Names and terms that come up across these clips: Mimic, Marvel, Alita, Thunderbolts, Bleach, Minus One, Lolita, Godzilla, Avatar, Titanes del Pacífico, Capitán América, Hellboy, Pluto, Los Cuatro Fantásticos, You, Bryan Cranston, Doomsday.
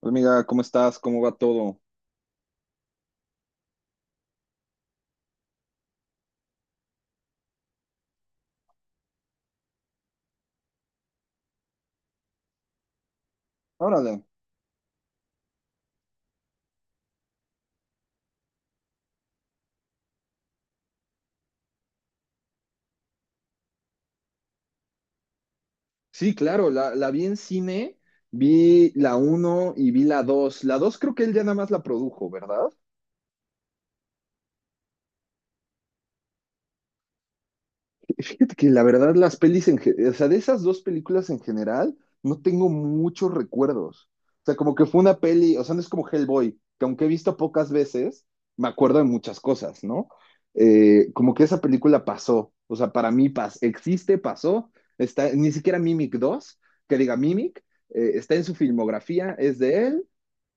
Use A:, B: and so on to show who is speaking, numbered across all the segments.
A: Hola, amiga, ¿cómo estás? ¿Cómo va todo? Órale. Sí, claro, la vi en cine, vi la uno y vi la 2. La 2 creo que él ya nada más la produjo, ¿verdad? Fíjate que la verdad las pelis, o sea, de esas dos películas en general, no tengo muchos recuerdos. O sea, como que fue una peli, o sea, no es como Hellboy, que aunque he visto pocas veces, me acuerdo de muchas cosas, ¿no? Como que esa película pasó, o sea, para mí pas existe, pasó, está, ni siquiera Mimic dos que diga Mimic, está en su filmografía, es de él,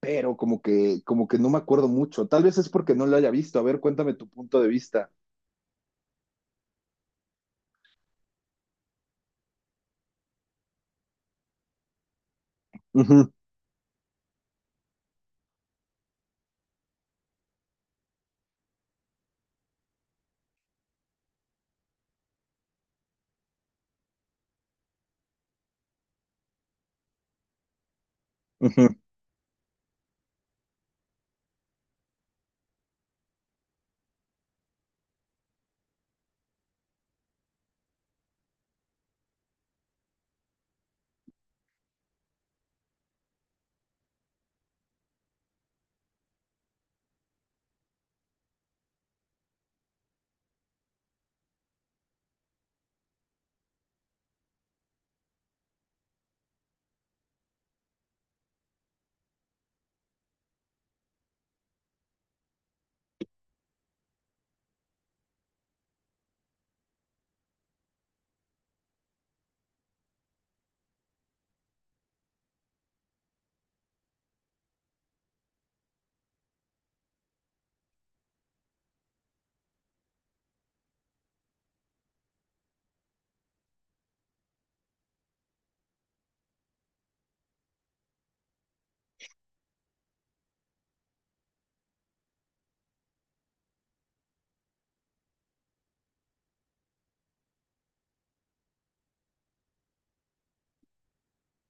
A: pero como que no me acuerdo mucho. Tal vez es porque no lo haya visto. A ver, cuéntame tu punto de vista. Ujú, ujú.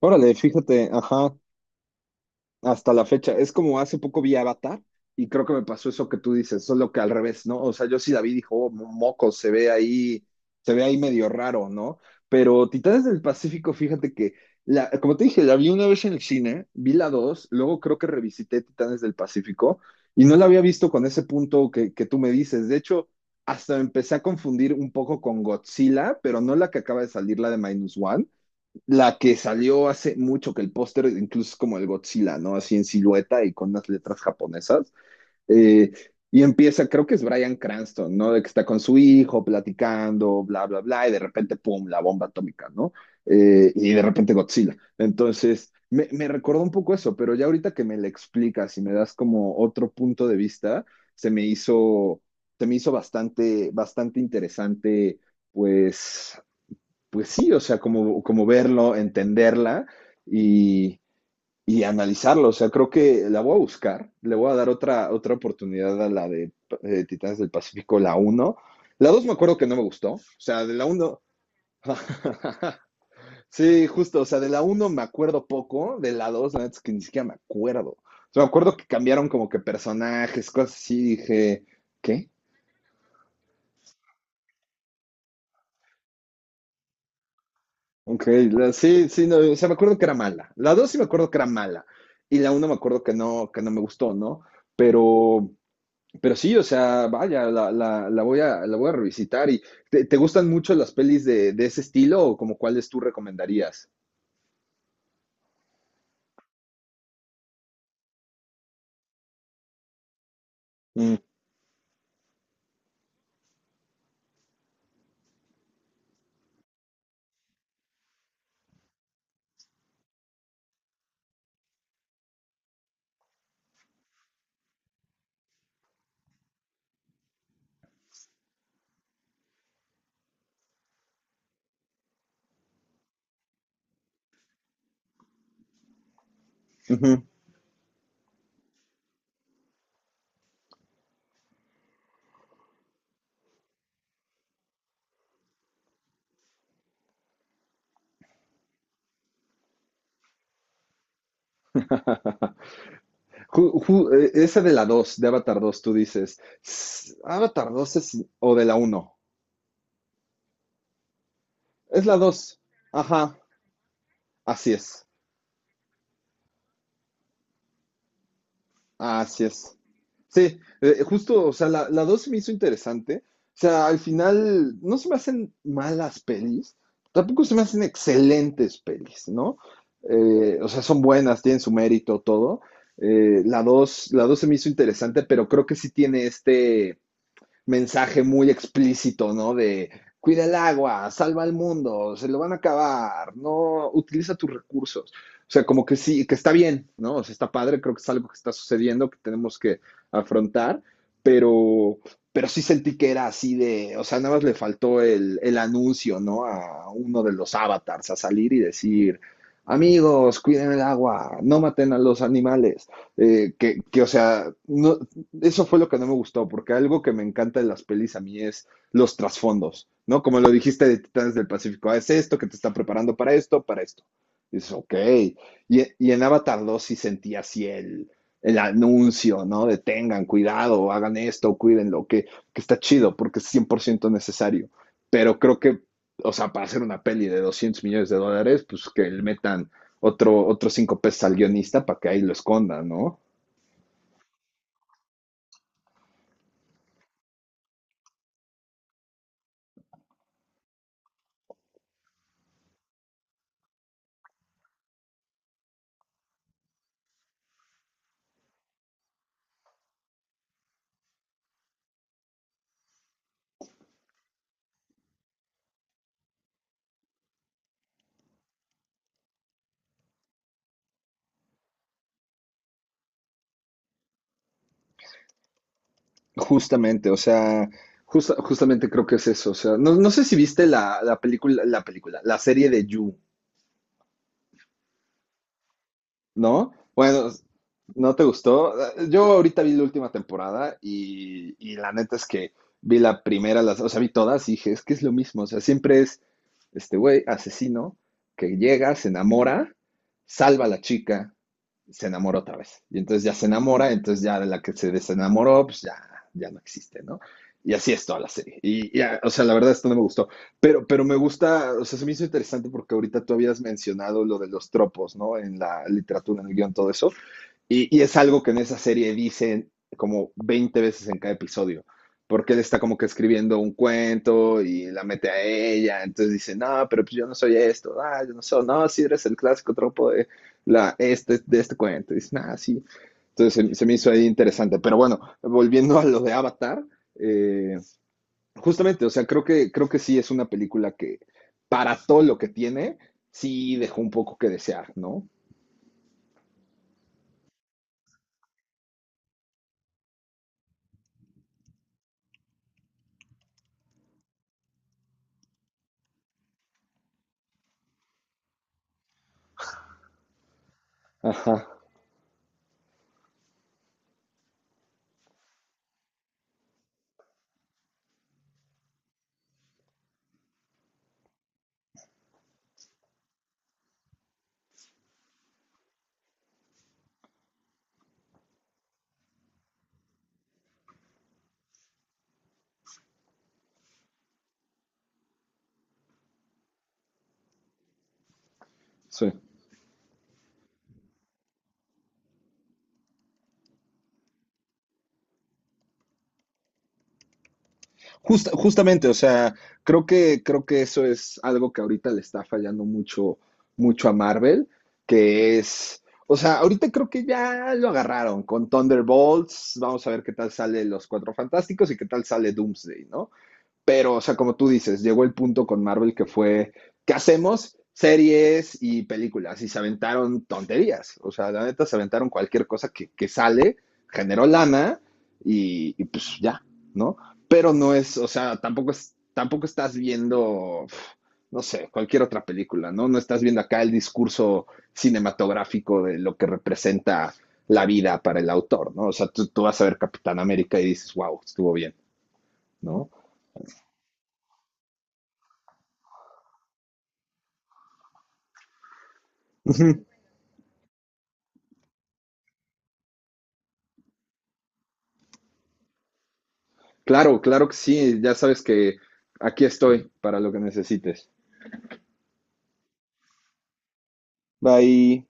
A: Órale, fíjate, ajá, hasta la fecha. Es como hace poco vi Avatar y creo que me pasó eso que tú dices, solo que al revés, ¿no? O sea, yo sí la vi, dijo: "Oh, moco, se ve ahí medio raro, ¿no?". Pero Titanes del Pacífico, fíjate que, como te dije, la vi una vez en el cine, vi la dos, luego creo que revisité Titanes del Pacífico y no la había visto con ese punto que tú me dices. De hecho, hasta empecé a confundir un poco con Godzilla, pero no la que acaba de salir, la de Minus One, la que salió hace mucho, que el póster incluso es como el Godzilla, ¿no? Así en silueta y con unas letras japonesas. Eh, y empieza, creo que es Bryan Cranston, ¿no? De que está con su hijo platicando, bla, bla, bla, y de repente, ¡pum!, la bomba atómica, ¿no? Y de repente Godzilla. Entonces, me recordó un poco eso, pero ya ahorita que me lo explicas y me das como otro punto de vista, se me hizo, se me hizo bastante, bastante interesante, pues, pues sí, o sea, como verlo, entenderla y, y analizarlo. O sea, creo que la voy a buscar, le voy a dar otra oportunidad a la de Titanes del Pacífico, la uno. La 2 me acuerdo que no me gustó, o sea, de la uno. Sí, justo, o sea, de la uno me acuerdo poco, de la 2 la neta es que ni siquiera me acuerdo. O sea, me acuerdo que cambiaron como que personajes, cosas así, dije, ¿qué? Ok, sí, sí, no, o sea, me acuerdo que era mala. La dos sí me acuerdo que era mala. Y la una me acuerdo que no me gustó, ¿no? Pero, pero sí, o sea, vaya, la voy a revisitar. ¿Y te gustan mucho las pelis de ese estilo o como cuáles tú recomendarías? Mm, ujú. Esa de la 2, de Avatar dos, tú dices. Avatar dos es, o de la uno. Es la 2. Ajá, así es. Así es. Sí, justo, o sea, la 2 se me hizo interesante. O sea, al final no se me hacen malas pelis, tampoco se me hacen excelentes pelis, ¿no? O sea, son buenas, tienen su mérito, todo. La dos se me hizo interesante, pero creo que sí tiene mensaje muy explícito, ¿no? De cuida el agua, salva al mundo, se lo van a acabar, no utiliza tus recursos. O sea, como que sí, que está bien, ¿no? O sea, está padre, creo que es algo que está sucediendo, que tenemos que afrontar, pero, pero sí sentí que era así de, o sea, nada más le faltó el anuncio, ¿no? A uno de los avatars, a salir y decir, amigos, cuiden el agua, no maten a los animales, o sea, no, eso fue lo que no me gustó, porque algo que me encanta de las pelis a mí es los trasfondos, ¿no? Como lo dijiste de Titanes del Pacífico, ah, es esto que te está preparando para esto, para esto. Y dices, ok. Y en Avatar dos sí sentí así el anuncio, ¿no? De tengan cuidado, hagan esto, cuídenlo, que está chido, porque es 100% necesario. Pero creo que, o sea, para hacer una peli de $200 millones, pues que le metan otro, otros 5 pesos al guionista para que ahí lo esconda, ¿no? Justamente, o sea, justamente creo que es eso. O sea, no, no sé si viste la serie de You, ¿no? Bueno, ¿no te gustó? Yo ahorita vi la última temporada y la neta es que vi la primera, o sea, vi todas y dije, es que es lo mismo. O sea, siempre es este güey asesino que llega, se enamora, salva a la chica, se enamora otra vez. Y entonces ya se enamora, entonces ya la que se desenamoró, pues ya, ya no existe, ¿no? Y, así es toda la serie. Y, o sea, la verdad esto no me gustó. Pero me gusta, o sea, se me hizo interesante porque ahorita tú habías mencionado lo de los tropos, ¿no? En la literatura, en el guión, todo eso. Y, es algo que en esa serie dicen como 20 veces en cada episodio, porque él está como que escribiendo un cuento y la mete a ella, entonces dice, no, pero pues yo no soy esto, ah, yo no soy, no, sí eres el clásico tropo de, de este cuento, y dice, ah, sí. Entonces se me hizo ahí interesante, pero bueno, volviendo a lo de Avatar, eh, justamente, o sea, creo que sí es una película que para todo lo que tiene, sí dejó un poco que desear, ¿no? Ajá, sí. Justamente, o sea, creo que eso es algo que ahorita le está fallando mucho, mucho a Marvel, que es, o sea, ahorita creo que ya lo agarraron con Thunderbolts, vamos a ver qué tal sale Los Cuatro Fantásticos y qué tal sale Doomsday, ¿no? Pero, o sea, como tú dices, llegó el punto con Marvel que fue, ¿qué hacemos? Series y películas, y se aventaron tonterías, o sea, la neta se aventaron cualquier cosa que sale, generó lana y pues ya, ¿no? Pero no es, o sea, tampoco, tampoco estás viendo, uf, no sé, cualquier otra película, ¿no? No estás viendo acá el discurso cinematográfico de lo que representa la vida para el autor, ¿no? O sea, tú vas a ver Capitán América y dices, wow, estuvo bien, ¿no? Claro, claro que sí, ya sabes que aquí estoy para lo que necesites. Bye.